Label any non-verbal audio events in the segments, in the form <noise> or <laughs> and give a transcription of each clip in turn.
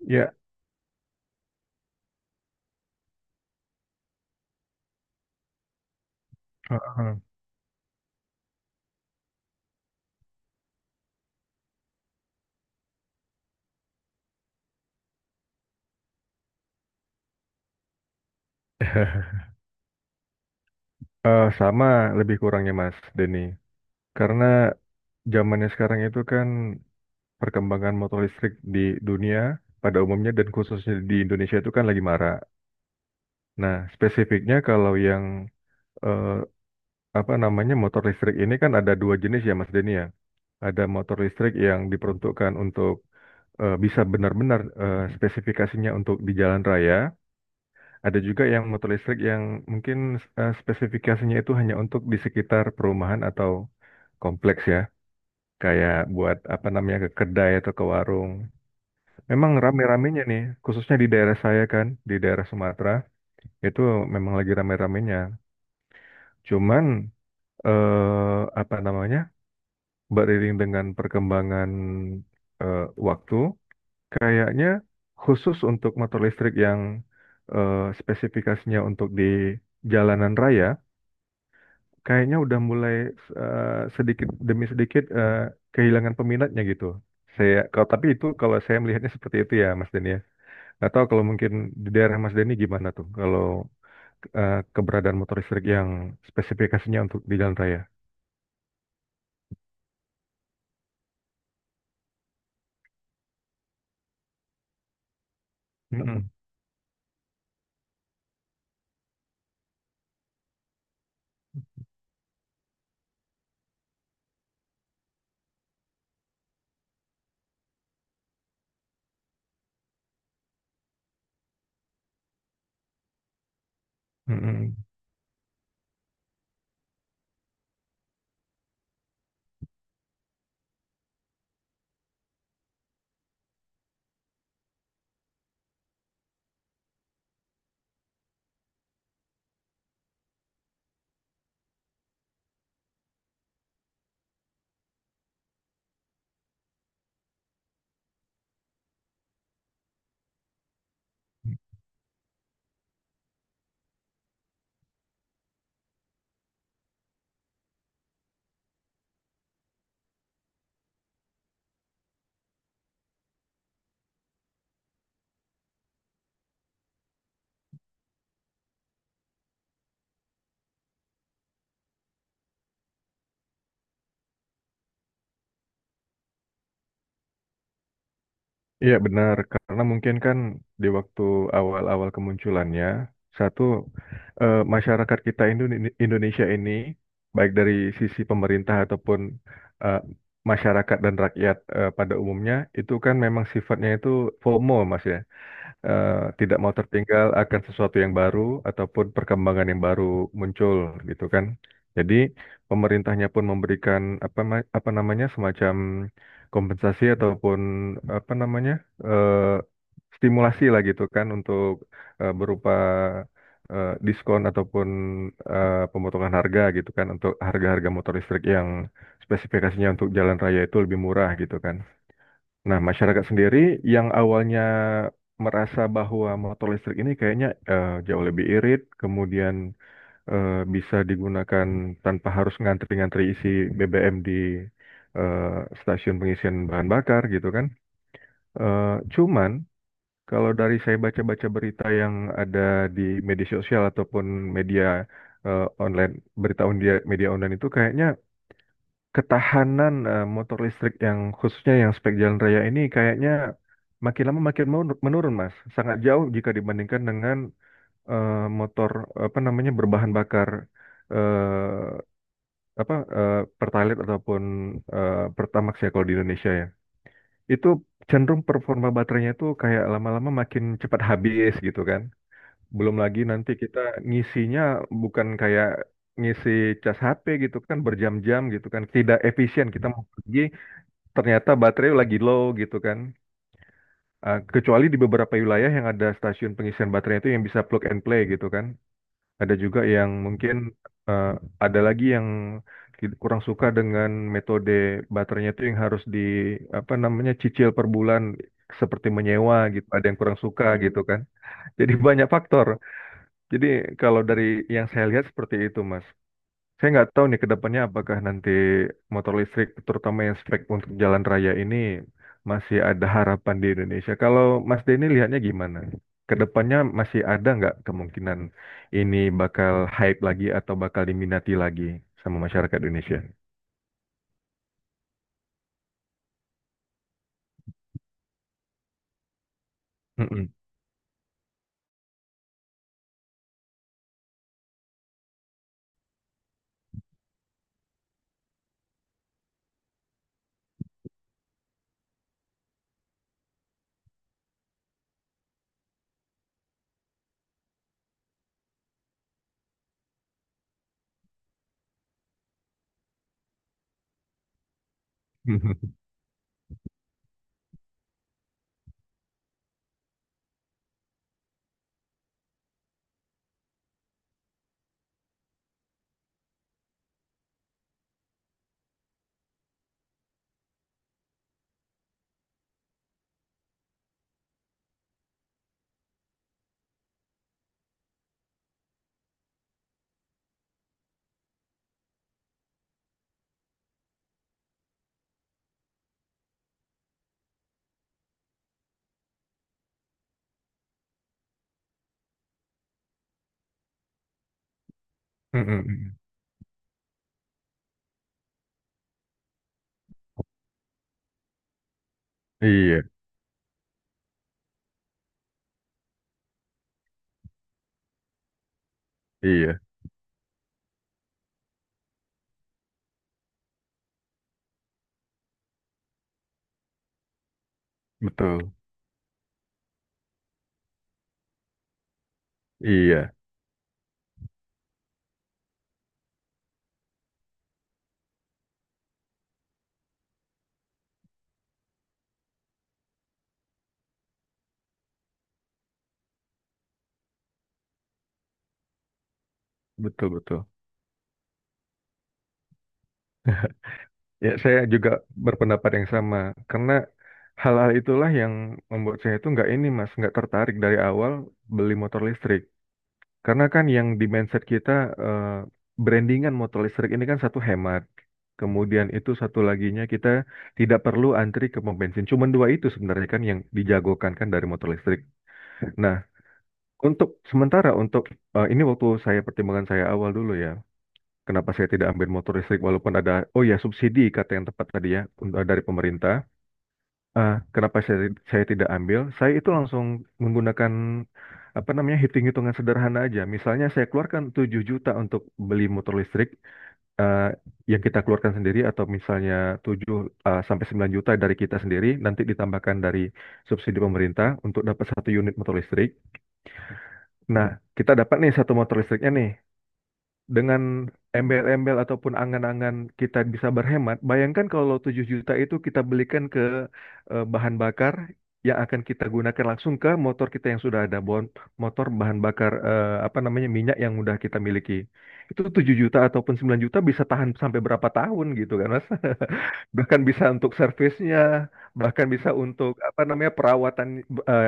Ya, heeh. <laughs> Sama lebih kurangnya Mas Denny. Karena zamannya sekarang itu kan perkembangan motor listrik di dunia pada umumnya dan khususnya di Indonesia itu kan lagi marak. Nah, spesifiknya kalau yang eh, apa namanya motor listrik ini kan ada dua jenis ya Mas Denny ya. Ada motor listrik yang diperuntukkan untuk bisa benar-benar spesifikasinya untuk di jalan raya. Ada juga yang motor listrik yang mungkin spesifikasinya itu hanya untuk di sekitar perumahan atau kompleks ya. Kayak buat apa namanya ke kedai atau ke warung. Memang rame-ramenya nih, khususnya di daerah saya kan, di daerah Sumatera, itu memang lagi rame-ramenya. Cuman apa namanya? Beriring dengan perkembangan eh, waktu, kayaknya khusus untuk motor listrik yang spesifikasinya untuk di jalanan raya kayaknya udah mulai eh, sedikit demi sedikit kehilangan peminatnya gitu. Saya kalau tapi itu kalau saya melihatnya seperti itu ya Mas Denny ya. Nggak tahu kalau mungkin di daerah Mas Denny gimana tuh kalau keberadaan motor listrik yang spesifikasinya untuk di jalan raya. Mm-mm. Mm-mm. Iya benar, karena mungkin kan di waktu awal-awal kemunculannya, satu masyarakat kita Indonesia ini, baik dari sisi pemerintah ataupun eh, masyarakat dan rakyat pada umumnya, itu kan memang sifatnya itu FOMO mas ya, eh, tidak mau tertinggal akan sesuatu yang baru ataupun perkembangan yang baru muncul gitu kan. Jadi pemerintahnya pun memberikan apa apa namanya semacam kompensasi ataupun apa namanya eh, stimulasi lah gitu kan untuk berupa diskon ataupun pemotongan harga gitu kan untuk harga-harga motor listrik yang spesifikasinya untuk jalan raya itu lebih murah gitu kan. Nah, masyarakat sendiri yang awalnya merasa bahwa motor listrik ini kayaknya jauh lebih irit, kemudian bisa digunakan tanpa harus ngantri-ngantri isi BBM di eh, stasiun pengisian bahan bakar gitu kan. Eh, Cuman kalau dari saya baca-baca berita yang ada di media sosial ataupun media online, berita media online itu kayaknya ketahanan motor listrik yang khususnya yang spek jalan raya ini kayaknya makin lama makin menurun, Mas. Sangat jauh jika dibandingkan dengan eh, motor apa namanya berbahan bakar eh, Pertalite ataupun Pertamax ya kalau di Indonesia ya. Itu cenderung performa baterainya itu kayak lama-lama makin cepat habis gitu kan. Belum lagi nanti kita ngisinya bukan kayak ngisi cas HP gitu kan berjam-jam gitu kan tidak efisien kita mau pergi ternyata baterai lagi low gitu kan. Ah, kecuali di beberapa wilayah yang ada stasiun pengisian baterai itu yang bisa plug and play gitu kan. Ada juga yang mungkin eh, ada lagi yang kurang suka dengan metode baterainya itu yang harus di apa namanya cicil per bulan seperti menyewa gitu. Ada yang kurang suka gitu kan. Jadi banyak faktor. Jadi kalau dari yang saya lihat seperti itu, Mas. Saya nggak tahu nih ke depannya apakah nanti motor listrik, terutama yang spek untuk jalan raya ini, masih ada harapan di Indonesia. Kalau Mas Denny lihatnya gimana? Ke depannya masih ada nggak kemungkinan ini bakal hype lagi atau bakal diminati lagi sama masyarakat Indonesia? Mm-mm. <laughs> Mm-mm. Iya, iya, betul. Iya, betul, betul. Ya, saya juga berpendapat yang sama. Karena hal-hal itulah yang membuat saya itu nggak ini, Mas, nggak tertarik dari awal beli motor listrik. Karena kan yang di mindset kita eh, brandingan motor listrik ini kan satu hemat. Kemudian itu satu laginya kita tidak perlu antri ke pom bensin. Cuman dua itu sebenarnya kan yang dijagokan kan dari motor listrik. Nah, untuk sementara untuk ini waktu saya pertimbangan saya awal dulu ya. Kenapa saya tidak ambil motor listrik walaupun ada, oh ya subsidi kata yang tepat tadi ya untuk dari pemerintah. Kenapa saya tidak ambil? Saya itu langsung menggunakan apa namanya hitung-hitungan sederhana aja. Misalnya saya keluarkan 7 juta untuk beli motor listrik eh, yang kita keluarkan sendiri atau misalnya 7 sampai 9 juta dari kita sendiri nanti ditambahkan dari subsidi pemerintah untuk dapat satu unit motor listrik. Nah, kita dapat nih satu motor listriknya nih dengan embel-embel ataupun angan-angan kita bisa berhemat, bayangkan kalau 7 juta itu kita belikan ke bahan bakar yang akan kita gunakan langsung ke motor kita yang sudah ada, bon motor bahan bakar eh, apa namanya minyak yang udah kita miliki. Itu 7 juta ataupun 9 juta bisa tahan sampai berapa tahun gitu kan, Mas? Bahkan bisa untuk servisnya, bahkan bisa untuk apa namanya perawatan eh,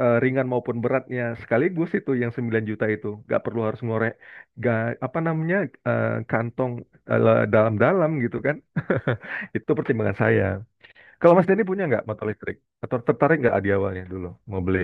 ringan maupun beratnya sekaligus itu yang 9 juta itu nggak perlu harus ngorek nggak apa namanya kantong dalam-dalam gitu kan. <laughs> Itu pertimbangan saya kalau Mas Denny punya nggak motor listrik atau tertarik nggak di awalnya dulu mau beli.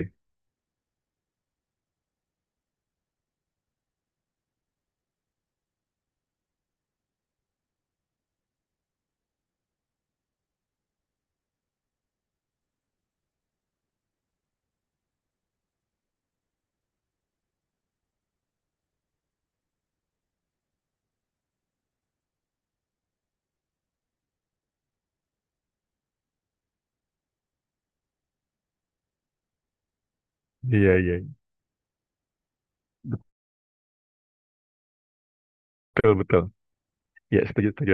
Iya, iya, betul, betul, ya setuju setuju.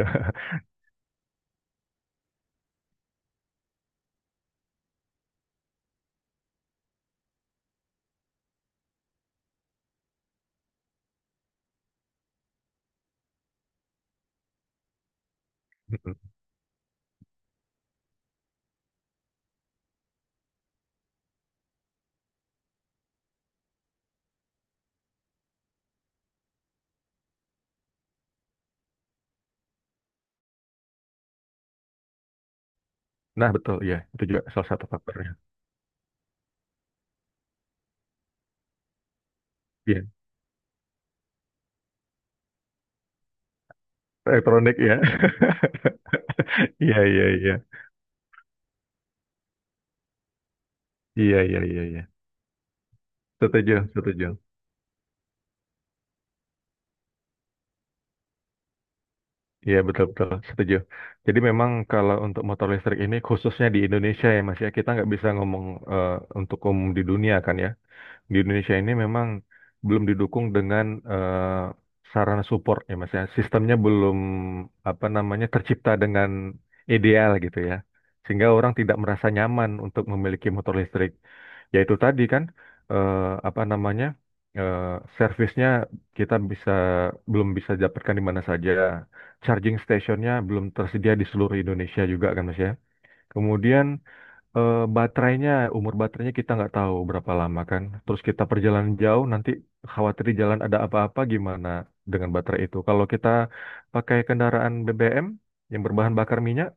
<laughs> Nah, betul, ya itu juga salah satu faktornya. Iya, elektronik ya. <laughs> Iya, iya, iya, iya, iya, iya, iya. Setuju, setuju. Iya, betul-betul setuju. Jadi memang kalau untuk motor listrik ini khususnya di Indonesia ya Mas ya, kita nggak bisa ngomong eh, untuk umum di dunia kan ya. Di Indonesia ini memang belum didukung dengan sarana support ya Mas ya. Sistemnya belum apa namanya tercipta dengan ideal gitu ya. Sehingga orang tidak merasa nyaman untuk memiliki motor listrik. Ya itu tadi kan eh, apa namanya eh, servisnya kita bisa belum bisa dapatkan di mana saja. Charging stationnya belum tersedia di seluruh Indonesia juga kan Mas ya. Kemudian baterainya, umur baterainya kita nggak tahu berapa lama kan. Terus kita perjalanan jauh, nanti khawatir di jalan ada apa-apa gimana dengan baterai itu. Kalau kita pakai kendaraan BBM yang berbahan bakar minyak,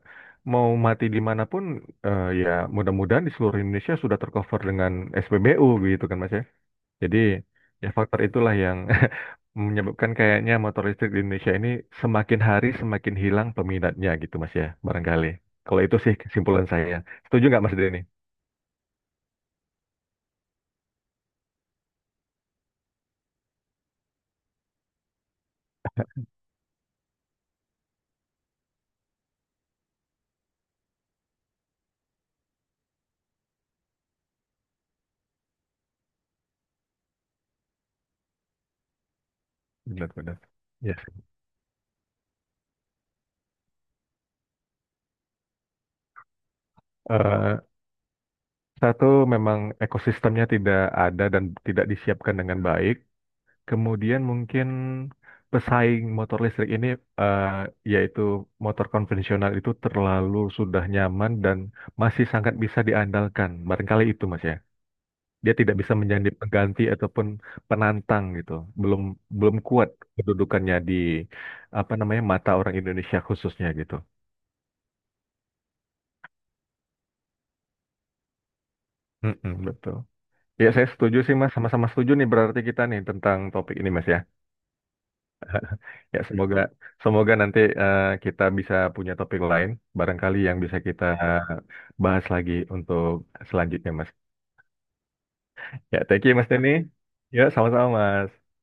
mau mati dimanapun, ya mudah-mudahan di seluruh Indonesia sudah tercover dengan SPBU gitu kan Mas ya. Jadi ya faktor itulah yang <laughs> menyebabkan kayaknya motor listrik di Indonesia ini semakin hari semakin hilang peminatnya gitu Mas ya, barangkali. Kalau itu sih kesimpulan saya. Setuju nggak Mas Denny? Benar-benar. Ya. Eh, Satu memang ekosistemnya tidak ada dan tidak disiapkan dengan baik. Kemudian mungkin pesaing motor listrik ini eh, yaitu motor konvensional itu terlalu sudah nyaman dan masih sangat bisa diandalkan. Barangkali itu Mas ya. Dia tidak bisa menjadi pengganti ataupun penantang gitu. Belum, belum kuat kedudukannya di apa namanya mata orang Indonesia khususnya gitu. Mm-mm, betul. Ya, saya setuju sih Mas, sama-sama setuju nih berarti kita nih tentang topik ini Mas ya. <laughs> Ya, semoga semoga nanti kita bisa punya topik lain barangkali yang bisa kita bahas lagi untuk selanjutnya Mas. Ya, thank you Mas Denny. Ya, sama-sama Mas.